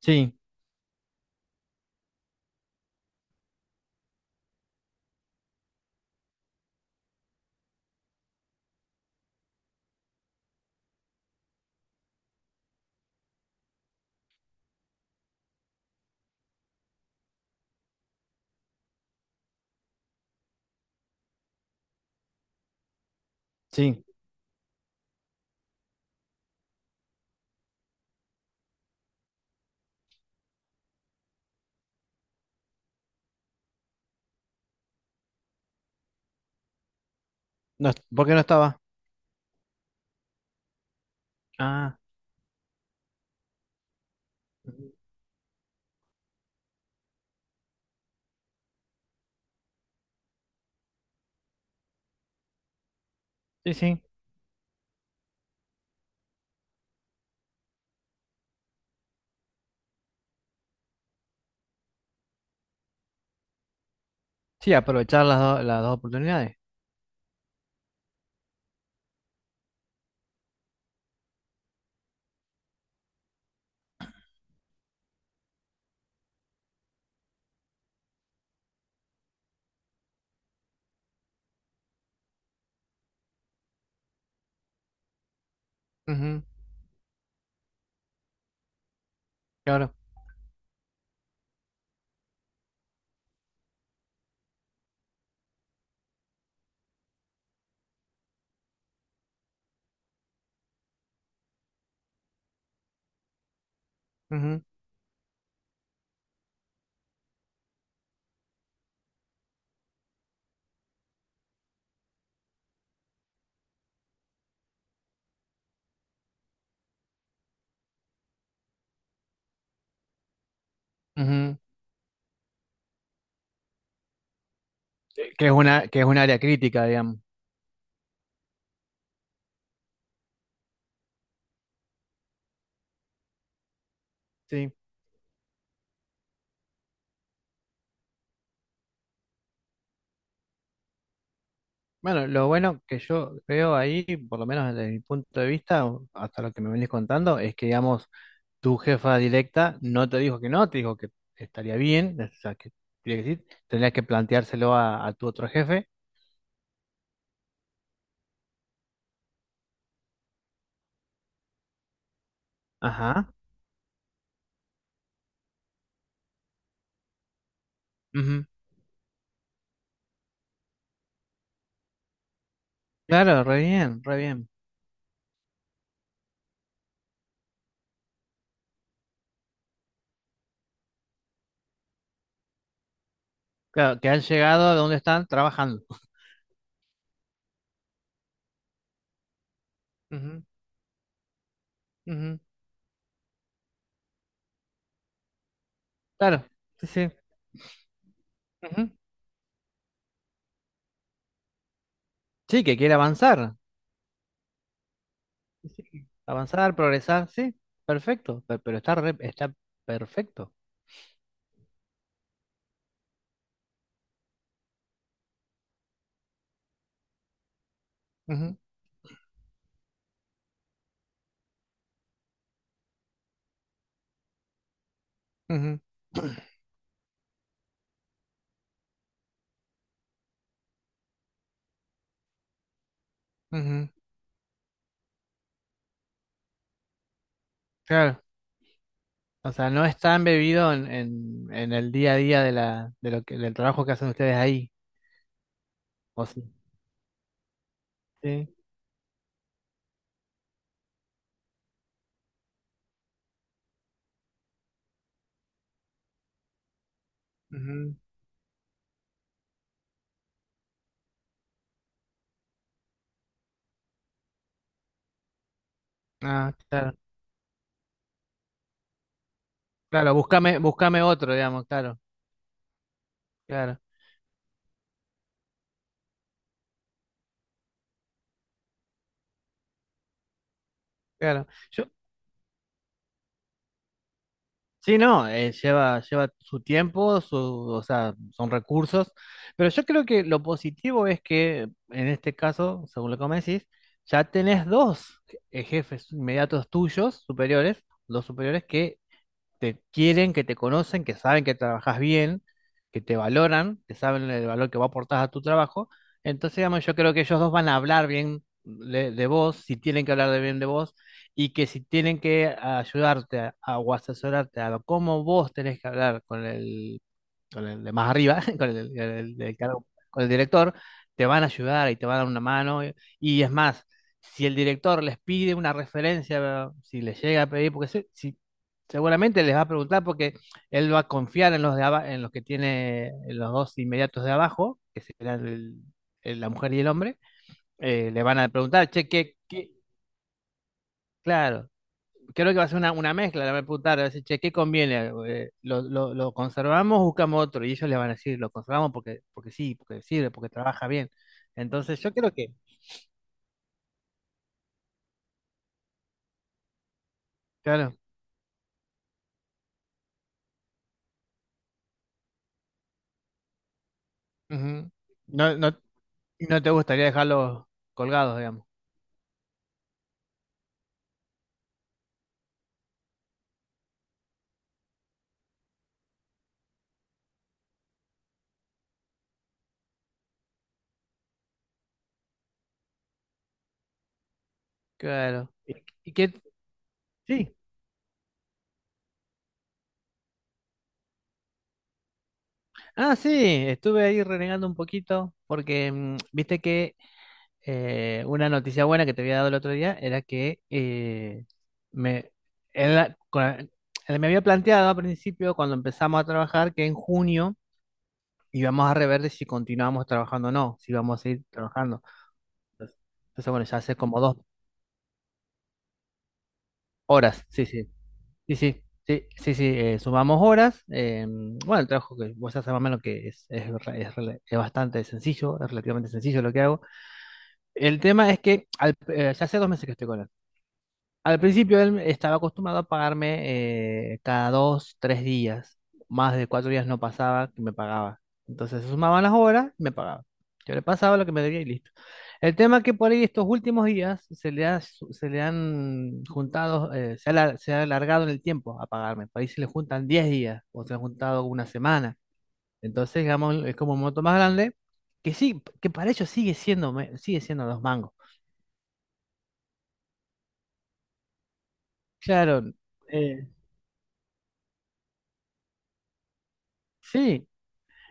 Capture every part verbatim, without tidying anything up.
Sí, sí. No, est- ¿por qué no estaba? Ah, ujú. Sí, sí. Sí, aprovechar las, do- las dos oportunidades. Ujú, claro. Ujú, ujú. Eh, Que es una, que es un área crítica, digamos. Sí. Bueno, lo bueno que yo veo ahí, por lo menos desde mi punto de vista, o hasta lo que me venís contando, es que, digamos, tu jefa directa no te dijo que no, te dijo que estaría bien, o sea, que, tenía que decir, tendrías que planteárselo a, a tu otro jefe. Ajá. Ujú. Claro, re bien, re bien. Claro, que han llegado a donde están trabajando. Ujú, ujú, claro, sí, sí. Ujú. Sí, que quiere avanzar. Sí, sí. Avanzar, progresar, sí, perfecto. pe- Pero, está, re- está perfecto. Ujú, ujú, ujú. Claro. O sea, no está embebido en, en, en el día a día de la, de lo que, del trabajo que hacen ustedes ahí. ¿O sí? Sí. Ujú. Ah, claro. Claro, búscame, búscame otro, digamos, claro, claro, claro. Yo, sí, no, eh, lleva, lleva su tiempo, su, o sea, son recursos, pero yo creo que lo positivo es que en este caso, según lo que me decís, ya tenés dos eh, jefes inmediatos tuyos, superiores, dos superiores que te quieren, que te conocen, que saben que trabajas bien, que te valoran, que saben el valor que va a aportar a tu trabajo. Entonces, digamos, yo creo que ellos dos van a hablar bien de, de vos, si tienen que hablar de bien de vos, y que si tienen que ayudarte a, a- o asesorarte a lo- cómo vos tenés que hablar con el con el de más arriba, con el, el- el cargo- con el director, te van a ayudar y te van a dar una mano. Y, y es más, si el director les pide una referencia, si les llega a pedir, porque se- si, seguramente les va a preguntar porque él va a confiar en los de aba- en los que tiene en los dos inmediatos de abajo, que serán el- el- la mujer y el hombre, eh, le van a preguntar, che, ¿qué, qué? Claro, creo que va a ser una, una mezcla, la va a preguntar, va a decir, che, ¿qué conviene? Eh, ¿lo, lo, lo conservamos buscamos otro? Y ellos le van a decir, lo conservamos porque, porque sí, porque sirve, porque trabaja bien. Entonces yo creo que, claro, ujú. No, no, no te gustaría dejarlos colgados, digamos. Claro. ¿Y, y qué? Sí. Ah, sí, estuve ahí renegando un poquito porque, mm, viste que eh, una noticia buena que te había dado el otro día era que eh, me, él la- con- la- él me había planteado al principio, cuando empezamos a trabajar, que en junio íbamos a rever de si continuábamos trabajando o no, si íbamos a seguir trabajando. Entonces, entonces, bueno, ya hace como dos horas, sí, sí, sí, sí. Sí, sí, sí, eh, sumamos horas. Eh, bueno, el trabajo que vos haces más o menos que es, es, re- es rela- es bastante sencillo, es relativamente sencillo lo que hago. El tema es que al- eh, ya hace dos meses que estoy con él. Al principio él estaba acostumbrado a pagarme eh, cada dos, tres días. Más de cuatro días no pasaba que me pagaba. Entonces se sumaban las horas y me pagaba. Yo le pasaba lo que me debía y listo. El tema es que por ahí estos últimos días se le ha, su- se le han juntado, eh, se ha, alar- se ha alargado en el tiempo a pagarme. Por ahí se le juntan diez días o se han juntado una semana. Entonces, digamos, es como un monto más grande que sí, que para ellos sigue siendo, me- sigue siendo dos mangos. Claro, eh, sí.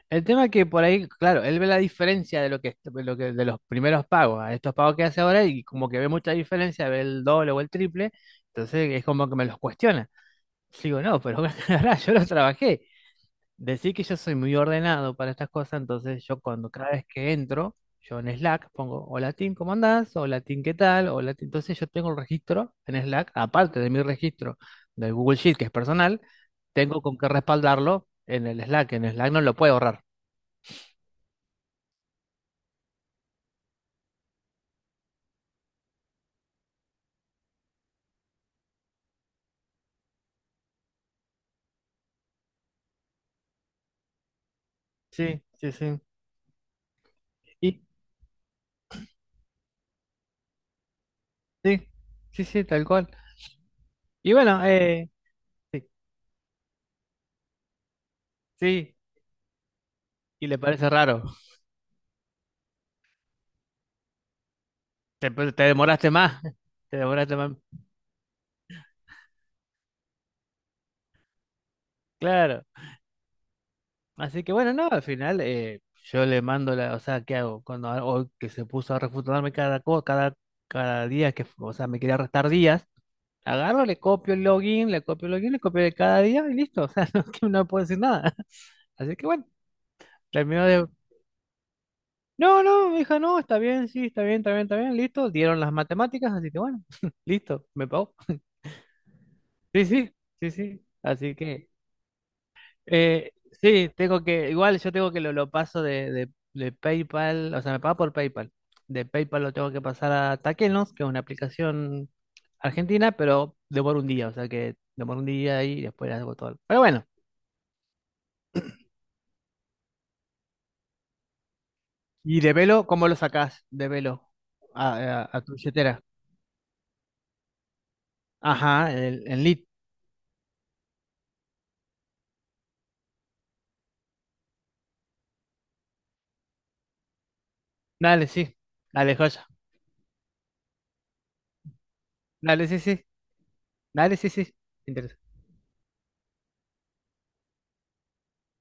El tema es que por ahí, claro, él ve la diferencia de lo que, de lo que de los primeros pagos a estos pagos que hace ahora y como que ve mucha diferencia, ve el doble o el triple, entonces es como que me los cuestiona. Digo, no, pero ahora yo los trabajé. Decir que yo soy muy ordenado para estas cosas, entonces yo cuando cada vez que entro, yo en Slack pongo, hola Tim, ¿cómo andás? Hola Tim, ¿qué tal? Hola Tim. Entonces yo tengo un registro en Slack, aparte de mi registro del Google Sheet, que es personal, tengo con qué respaldarlo en el Slack, en Slack no lo puedo borrar. Sí, sí, sí. Y sí, sí, sí, tal cual. Y bueno, eh, sí, sí, y le parece raro. Te, pues, te demoraste más, te demoraste más. Claro. Así que bueno, no, al final eh, yo le mando la, o sea, ¿qué hago? Cuando a- hoy que se puso a refutarme cada cosa, cada, cada día que, o sea, me quería restar días, agarro, le copio el login, le copio el login, le copio de cada día y listo. O sea, no, que no puedo decir nada. Así que bueno, terminó de no, no, hija, no, está bien, sí, está bien, está bien, está bien, listo. Dieron las matemáticas, así que bueno, listo, me pagó. Sí, sí, sí, sí. Así que, eh, sí, tengo que, igual yo tengo que lo, lo paso de, de, de PayPal, o sea, me paga por PayPal. De PayPal lo tengo que pasar a Taquenos, que es una aplicación argentina, pero demora un día, o sea que demora un día y después hago todo. Pero bueno, y de velo, ¿cómo lo sacás de velo a, a, a tu billetera? Ajá, el- en lit. Dale, sí. Dale, joya. Dale, sí, sí. Dale, sí, sí. Interesante.